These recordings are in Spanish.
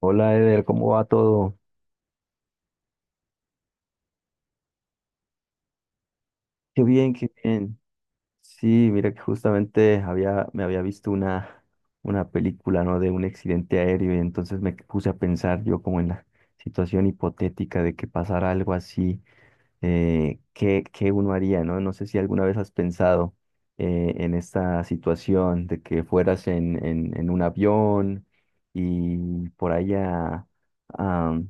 Hola Eder, ¿cómo va todo? Qué bien, qué bien. Sí, mira que justamente me había visto una película, ¿no? De un accidente aéreo y entonces me puse a pensar yo como en la situación hipotética de que pasara algo así. ¿Qué uno haría, ¿no? No sé si alguna vez has pensado en esta situación de que fueras en un avión y por ahí a,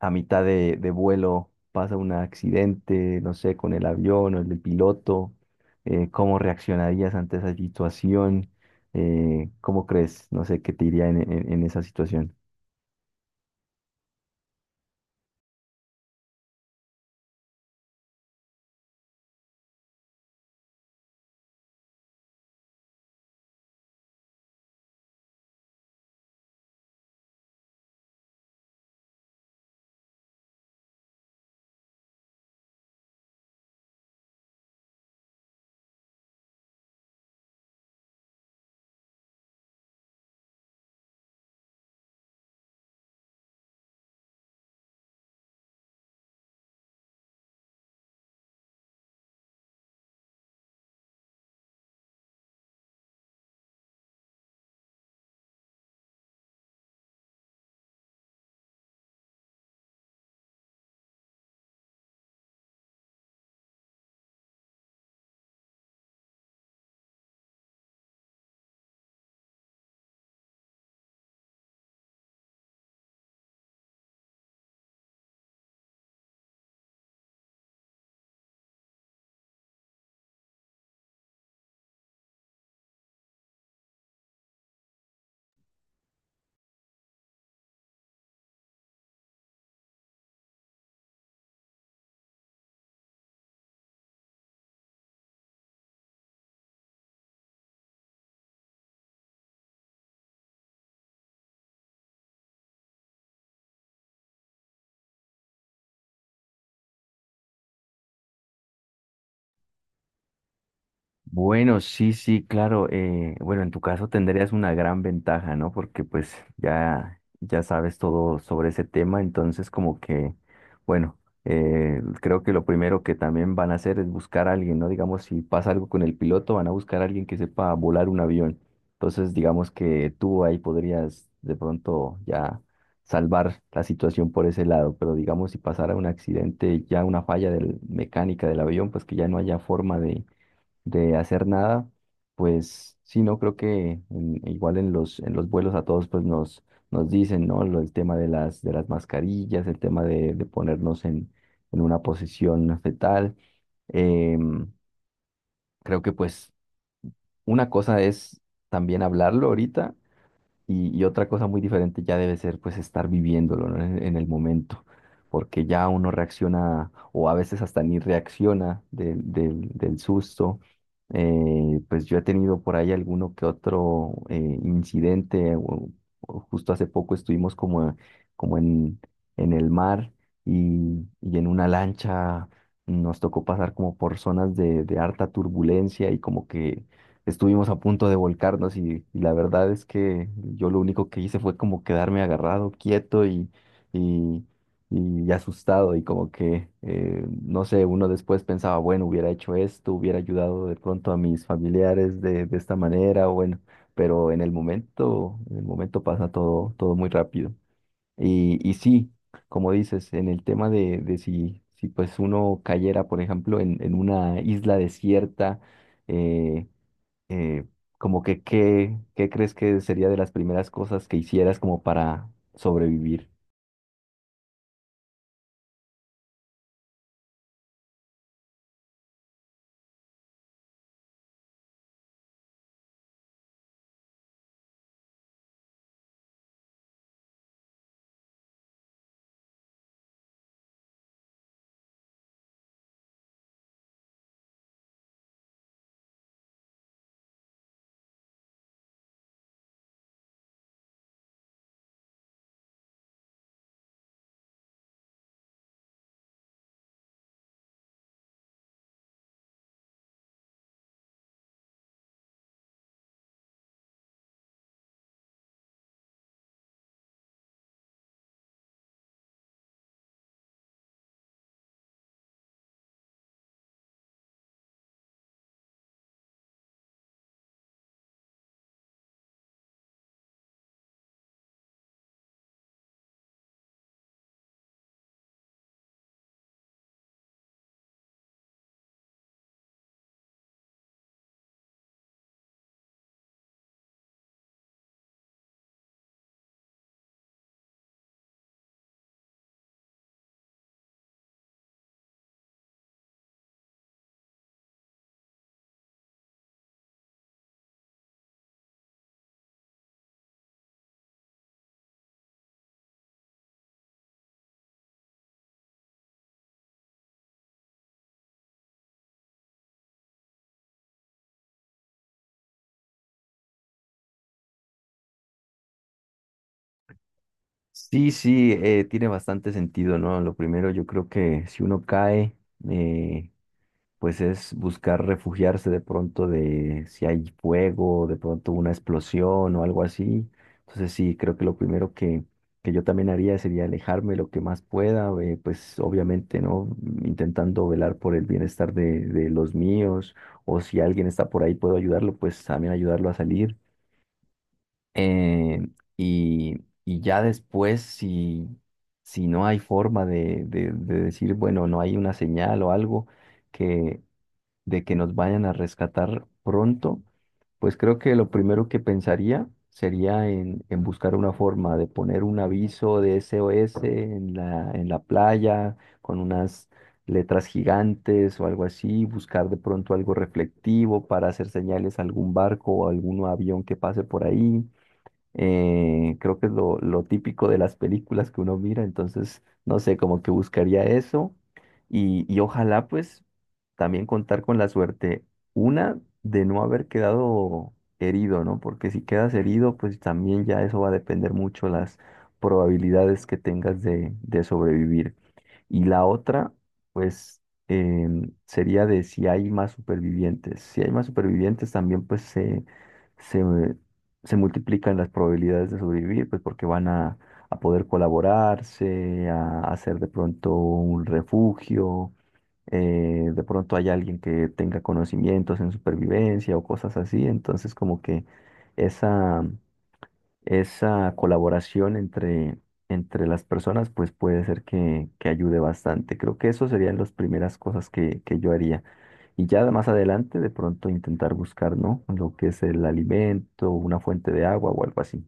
a mitad de vuelo pasa un accidente, no sé, con el avión o el del piloto. ¿Cómo reaccionarías ante esa situación? ¿Cómo crees, no sé, qué te iría en esa situación? Bueno, sí, sí, claro. Bueno, en tu caso tendrías una gran ventaja, ¿no? Porque pues ya sabes todo sobre ese tema, entonces como que, bueno, creo que lo primero que también van a hacer es buscar a alguien, ¿no? Digamos, si pasa algo con el piloto, van a buscar a alguien que sepa volar un avión. Entonces, digamos que tú ahí podrías de pronto ya salvar la situación por ese lado, pero digamos, si pasara un accidente, ya una falla del, mecánica del avión, pues que ya no haya forma de hacer nada. Pues sí, no creo que igual en en los vuelos a todos nos dicen, ¿no? El tema de de las mascarillas, el tema de ponernos en una posición fetal. Em, Creo que pues una cosa es también hablarlo ahorita y otra cosa muy diferente ya debe ser pues estar viviéndolo, ¿no? En el momento, porque ya uno reacciona o a veces hasta ni reacciona del susto. Pues yo he tenido por ahí alguno que otro incidente. O justo hace poco estuvimos como, como en, en el mar y en una lancha nos tocó pasar como por zonas de harta turbulencia, y como que estuvimos a punto de volcarnos. Y la verdad es que yo lo único que hice fue como quedarme agarrado, quieto y, y asustado, y como que, no sé, uno después pensaba, bueno, hubiera hecho esto, hubiera ayudado de pronto a mis familiares de esta manera, bueno, pero en el momento pasa todo, todo muy rápido. Y sí, como dices, en el tema de si, si pues uno cayera, por ejemplo, en una isla desierta, eh, eh, como que ¿qué crees que sería de las primeras cosas que hicieras como para sobrevivir? Sí, sí, tiene bastante sentido, ¿no? Lo primero, yo creo que si uno cae, eh, pues es buscar refugiarse de pronto de si hay fuego, de pronto una explosión o algo así. Entonces sí, creo que lo primero que yo también haría sería alejarme lo que más pueda, pues obviamente, ¿no? Intentando velar por el bienestar de los míos, o si alguien está por ahí puedo ayudarlo, pues también ayudarlo a salir. Eh, y, y ya después, si, si no hay forma de decir, bueno, no hay una señal o algo que, de que nos vayan a rescatar pronto, pues creo que lo primero que pensaría sería en buscar una forma de poner un aviso de SOS en en la playa con unas letras gigantes o algo así, buscar de pronto algo reflectivo para hacer señales a algún barco o algún avión que pase por ahí. Creo que es lo típico de las películas que uno mira, entonces, no sé, como que buscaría eso y ojalá pues también contar con la suerte, una, de no haber quedado herido, ¿no? Porque si quedas herido, pues también ya eso va a depender mucho las probabilidades que tengas de sobrevivir. Y la otra, pues, sería de si hay más supervivientes. Si hay más supervivientes, también se multiplican las probabilidades de sobrevivir, pues porque van a poder colaborarse, a hacer de pronto un refugio. De pronto hay alguien que tenga conocimientos en supervivencia o cosas así, entonces como que esa, esa colaboración entre las personas, pues puede ser que ayude bastante. Creo que eso serían las primeras cosas que yo haría. Y ya más adelante, de pronto intentar buscar, ¿no? Lo que es el alimento, una fuente de agua o algo así.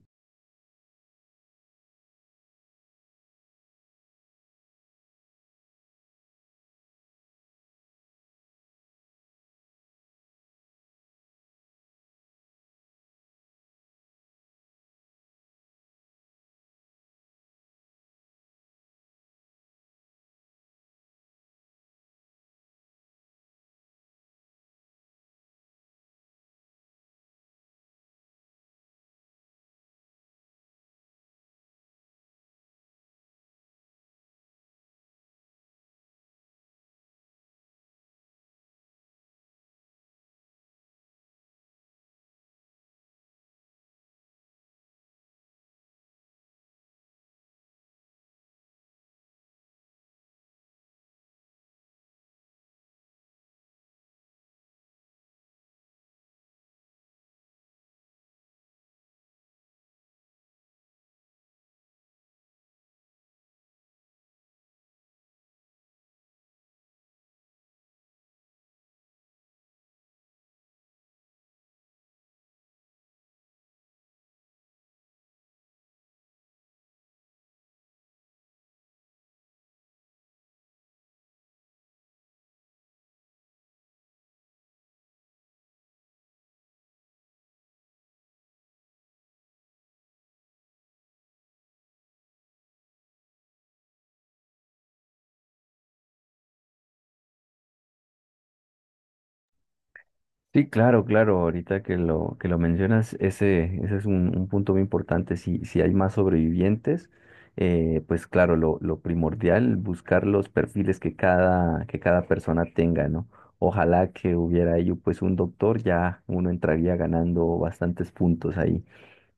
Sí, claro, claro. Ahorita que lo mencionas, ese es un punto muy importante. Si, si hay más sobrevivientes, pues claro, lo primordial, buscar los perfiles que cada persona tenga, ¿no? Ojalá que hubiera ahí pues un doctor, ya uno entraría ganando bastantes puntos ahí.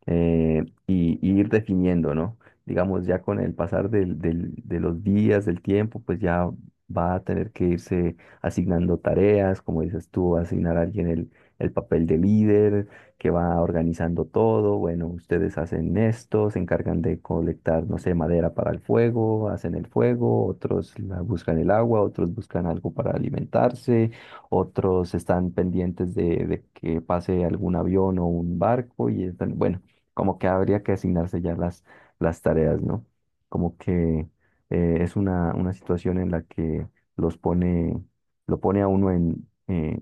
Y ir definiendo, ¿no? Digamos, ya con el pasar de los días, del tiempo, pues ya va a tener que irse asignando tareas, como dices tú, va a asignar a alguien el papel de líder, que va organizando todo, bueno, ustedes hacen esto, se encargan de colectar, no sé, madera para el fuego, hacen el fuego, otros buscan el agua, otros buscan algo para alimentarse, otros están pendientes de que pase algún avión o un barco y están, bueno, como que habría que asignarse ya las tareas, ¿no? Como que es una situación en la que los pone, lo pone a uno en, eh,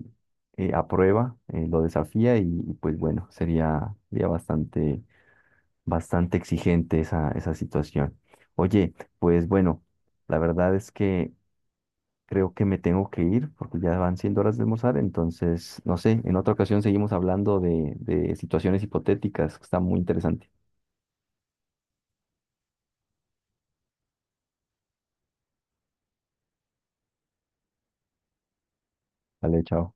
eh, a prueba, lo desafía. Y pues bueno, sería, sería bastante, bastante exigente esa, esa situación. Oye, pues bueno, la verdad es que creo que me tengo que ir porque ya van siendo horas de almorzar, entonces, no sé, en otra ocasión seguimos hablando de situaciones hipotéticas, que está muy interesante. Vale, chao.